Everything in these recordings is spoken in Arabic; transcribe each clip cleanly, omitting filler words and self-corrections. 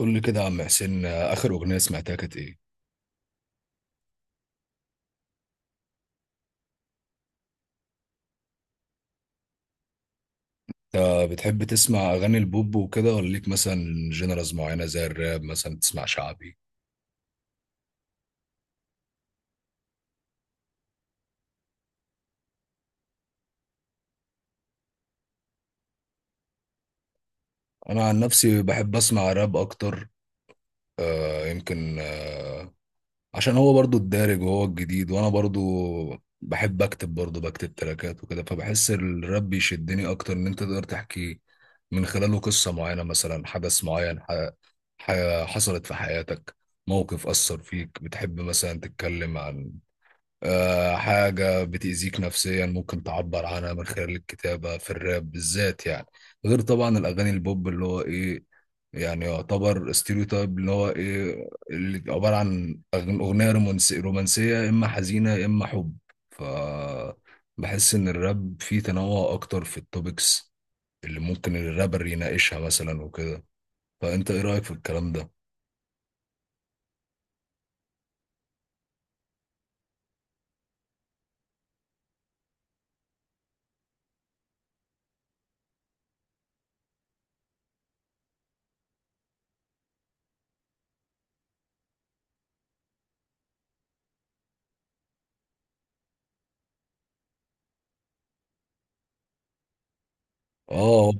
قول لي كده يا عم حسين آخر أغنية سمعتها كانت إيه؟ أنت بتحب تسمع أغاني البوب وكده ولا ليك مثلا جنرالز معينة زي الراب مثلا تسمع شعبي؟ أنا عن نفسي بحب أسمع راب أكتر. آه يمكن آه عشان هو برضو الدارج وهو الجديد، وأنا برضو بحب أكتب، برضو بكتب تراكات وكده، فبحس الراب بيشدني أكتر، إن أنت تقدر تحكي من خلاله قصة معينة، مثلا حدث معين ح... حصلت في حياتك، موقف أثر فيك، بتحب مثلا تتكلم عن حاجة بتأذيك نفسيا، ممكن تعبر عنها من خلال الكتابة في الراب بالذات يعني. غير طبعا الأغاني البوب، اللي هو إيه يعني، يعتبر ستيريوتايب، اللي هو إيه، اللي عبارة عن أغنية رومانسية رومانسية، يا إما حزينة يا إما حب. ف بحس إن الراب فيه تنوع أكتر في التوبكس، اللي ممكن الرابر يناقشها مثلا وكده. فأنت إيه رأيك في الكلام ده؟ آه.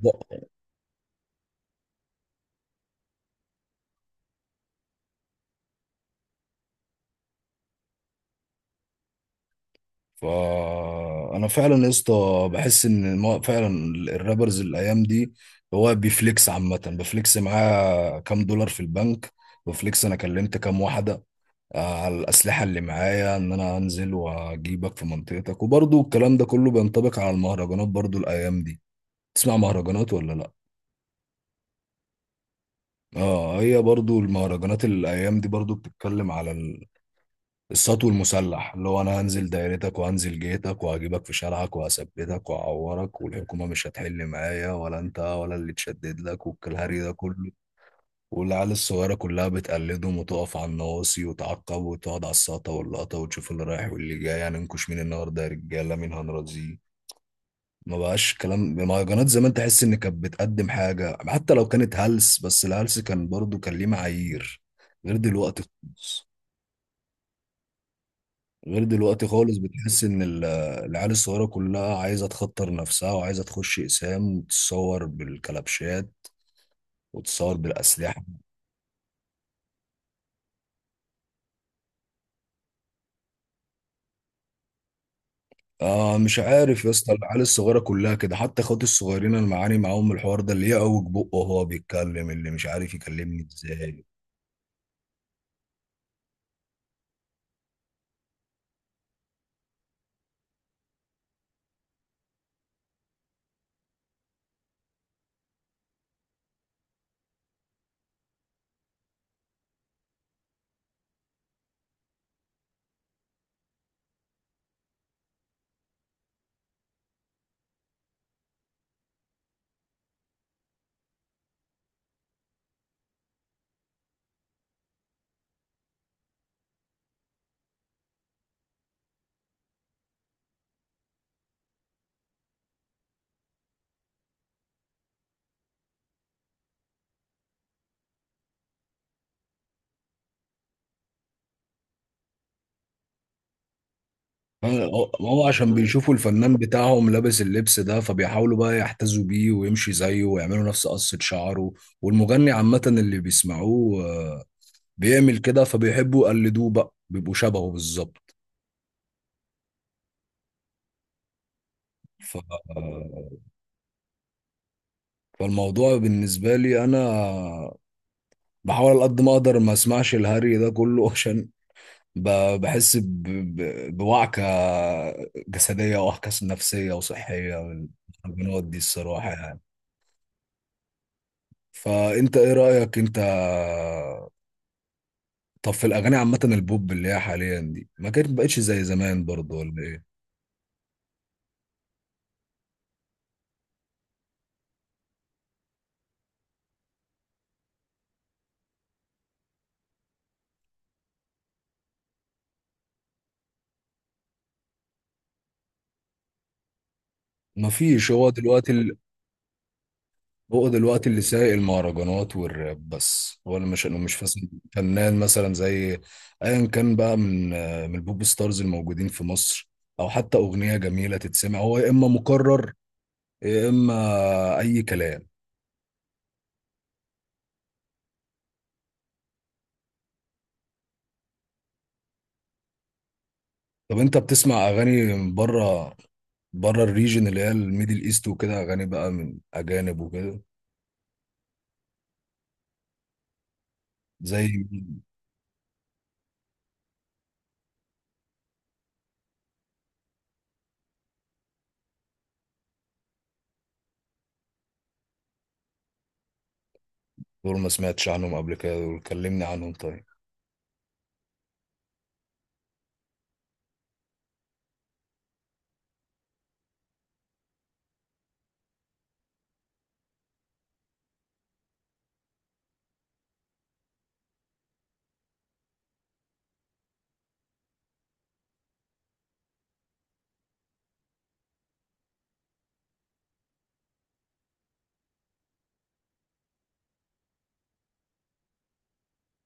فانا فعلا يا اسطى بحس ان فعلا الرابرز الايام دي هو بيفليكس، عامه بفليكس معاه كام دولار في البنك، بفليكس انا كلمت كام واحده، على الاسلحه اللي معايا، ان انا انزل واجيبك في منطقتك. وبرضو الكلام ده كله بينطبق على المهرجانات برضو الايام دي. تسمع مهرجانات ولا لا؟ اه، هي برضو المهرجانات الايام دي برضو بتتكلم على السطو المسلح، اللي هو انا هنزل دايرتك وهنزل جيتك وهجيبك في شارعك وهثبتك وهعورك، والحكومه مش هتحل معايا ولا انت ولا اللي تشدد لك، والكلهري ده كله. والعيال الصغيره كلها بتقلدهم، وتقف على النواصي وتعقب وتقعد على الساطه واللقطه وتشوف اللي رايح واللي جاي، هننكش مين النهارده يا رجاله، مين هنرازيه. ما بقاش كلام مهرجانات زمان، تحس ان كانت بتقدم حاجه، حتى لو كانت هلس، بس الهلس كان برضو كان ليه معايير، غير دلوقتي خالص. غير دلوقتي خالص، بتحس ان العيال الصغيره كلها عايزه تخطر نفسها، وعايزه تخش اقسام وتتصور بالكلبشات وتتصور بالاسلحه. آه، مش عارف يا اسطى، العيال الصغيره كلها كده، حتى اخواتي الصغيرين انا معاني معاهم من الحوار ده، اللي يعوج بقه وهو بيتكلم، اللي مش عارف يكلمني ازاي. هو عشان بيشوفوا الفنان بتاعهم لابس اللبس ده، فبيحاولوا بقى يحتذوا بيه ويمشي زيه ويعملوا نفس قصة شعره. والمغني عامة اللي بيسمعوه بيعمل كده، فبيحبوا يقلدوه بقى، بيبقوا شبهه بالظبط. ف... فالموضوع بالنسبة لي أنا بحاول على قد ما أقدر ما أسمعش الهري ده كله عشان ب... بحس بوعكة جسدية ووعكة نفسية وصحية من القنوات دي الصراحة يعني. فأنت إيه رأيك أنت؟ طب في الأغاني عامة البوب، اللي هي حاليا دي ما كانت بقتش زي زمان برضه ولا إيه؟ مفيش. هو دلوقتي، هو دلوقتي اللي سايق المهرجانات والراب بس، هو اللي مش انه مش فاس- فنان مثلا، زي ايا كان بقى، من من البوب ستارز الموجودين في مصر، او حتى اغنيه جميله تتسمع، هو يا اما مكرر يا اما اي كلام. طب انت بتسمع اغاني من بره، بره الريجن اللي هي الميدل ايست، وكده اغاني بقى من اجانب وكده؟ زي مين؟ دول ما سمعتش عنهم قبل كده، دول كلمني عنهم طيب.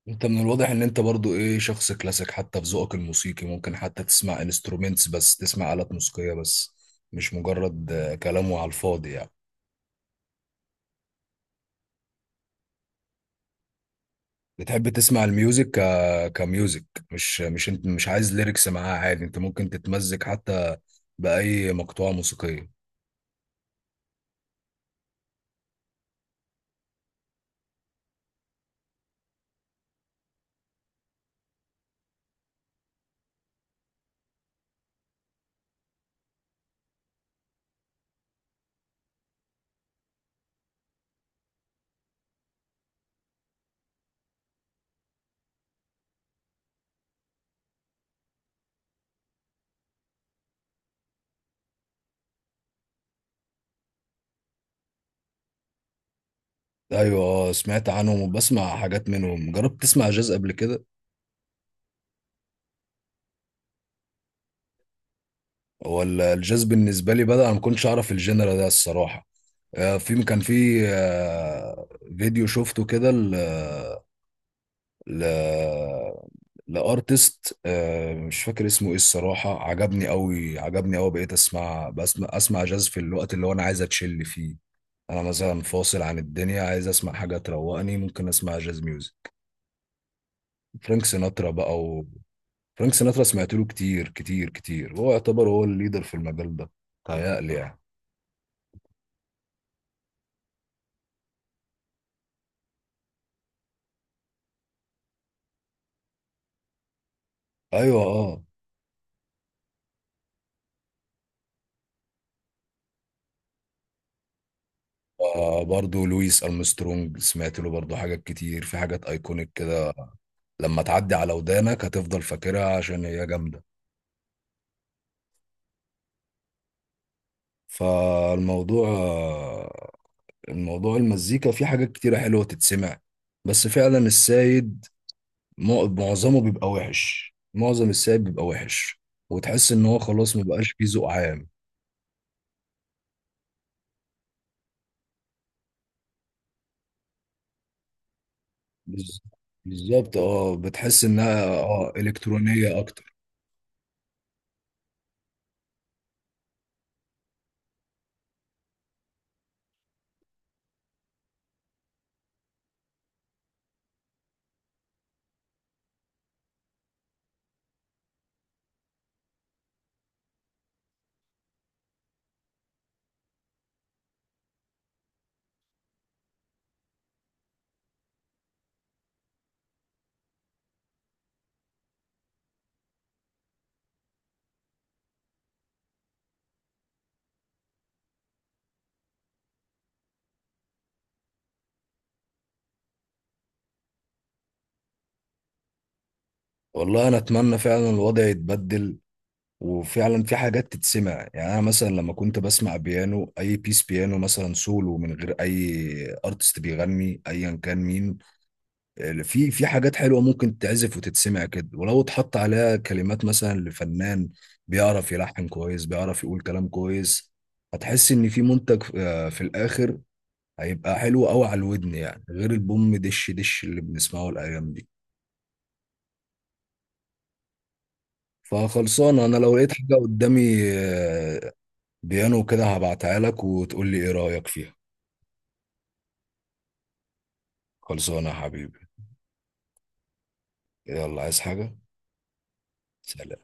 انت من الواضح ان انت برضو ايه، شخص كلاسيك حتى في ذوقك الموسيقي، ممكن حتى تسمع انسترومنتس بس، تسمع آلات موسيقية بس، مش مجرد كلام وعلى الفاضي يعني. بتحب تسمع الميوزك كميوزك، مش انت مش عايز ليركس معاها، عادي انت ممكن تتمزج حتى بأي مقطوعة موسيقية. ايوه اه، سمعت عنهم وبسمع حاجات منهم. جربت تسمع جاز قبل كده؟ ولا الجاز بالنسبة لي بدأ انا ما كنتش اعرف الجنرال ده الصراحة. كان في فيديو شفته كده ل... لارتست، مش فاكر اسمه ايه الصراحه، عجبني قوي عجبني قوي، بقيت اسمع بسمع اسمع جاز في الوقت اللي هو انا عايز اتشل فيه. انا مثلا فاصل عن الدنيا عايز اسمع حاجه تروقني، ممكن اسمع جاز ميوزك. فرانك سيناترا بقى فرانك سيناترا سمعت له كتير كتير كتير، هو يعتبر هو الليدر في المجال ده تهيألي يعني. ايوه اه. برضه لويس أرمسترونج سمعت له برضه حاجات كتير، في حاجات ايكونيك كده لما تعدي على ودانك هتفضل فاكرها عشان هي جامدة. فالموضوع الموضوع المزيكا فيه حاجات كتيرة حلوة تتسمع، بس فعلا السايد معظمه بيبقى وحش، معظم السايد بيبقى وحش، وتحس ان هو خلاص مبقاش فيه ذوق عام. بز- بالظبط، اه بتحس انها اه الكترونية اكتر. والله انا اتمنى فعلا الوضع يتبدل، وفعلا في حاجات تتسمع، يعني انا مثلا لما كنت بسمع بيانو، اي بيس بيانو مثلا سولو من غير اي ارتست بيغني ايا كان مين، في حاجات حلوه ممكن تتعزف وتتسمع كده، ولو اتحط عليها كلمات مثلا لفنان بيعرف يلحن كويس بيعرف يقول كلام كويس، هتحس ان في منتج في الاخر هيبقى حلو قوي على الودن يعني، غير البوم دش دش اللي بنسمعه الايام دي. فخلصان انا، لو لقيت حاجه قدامي بيانو كده، هبعتها لك وتقول لي ايه رايك فيها. خلصانه يا حبيبي. يلا عايز حاجه؟ سلام.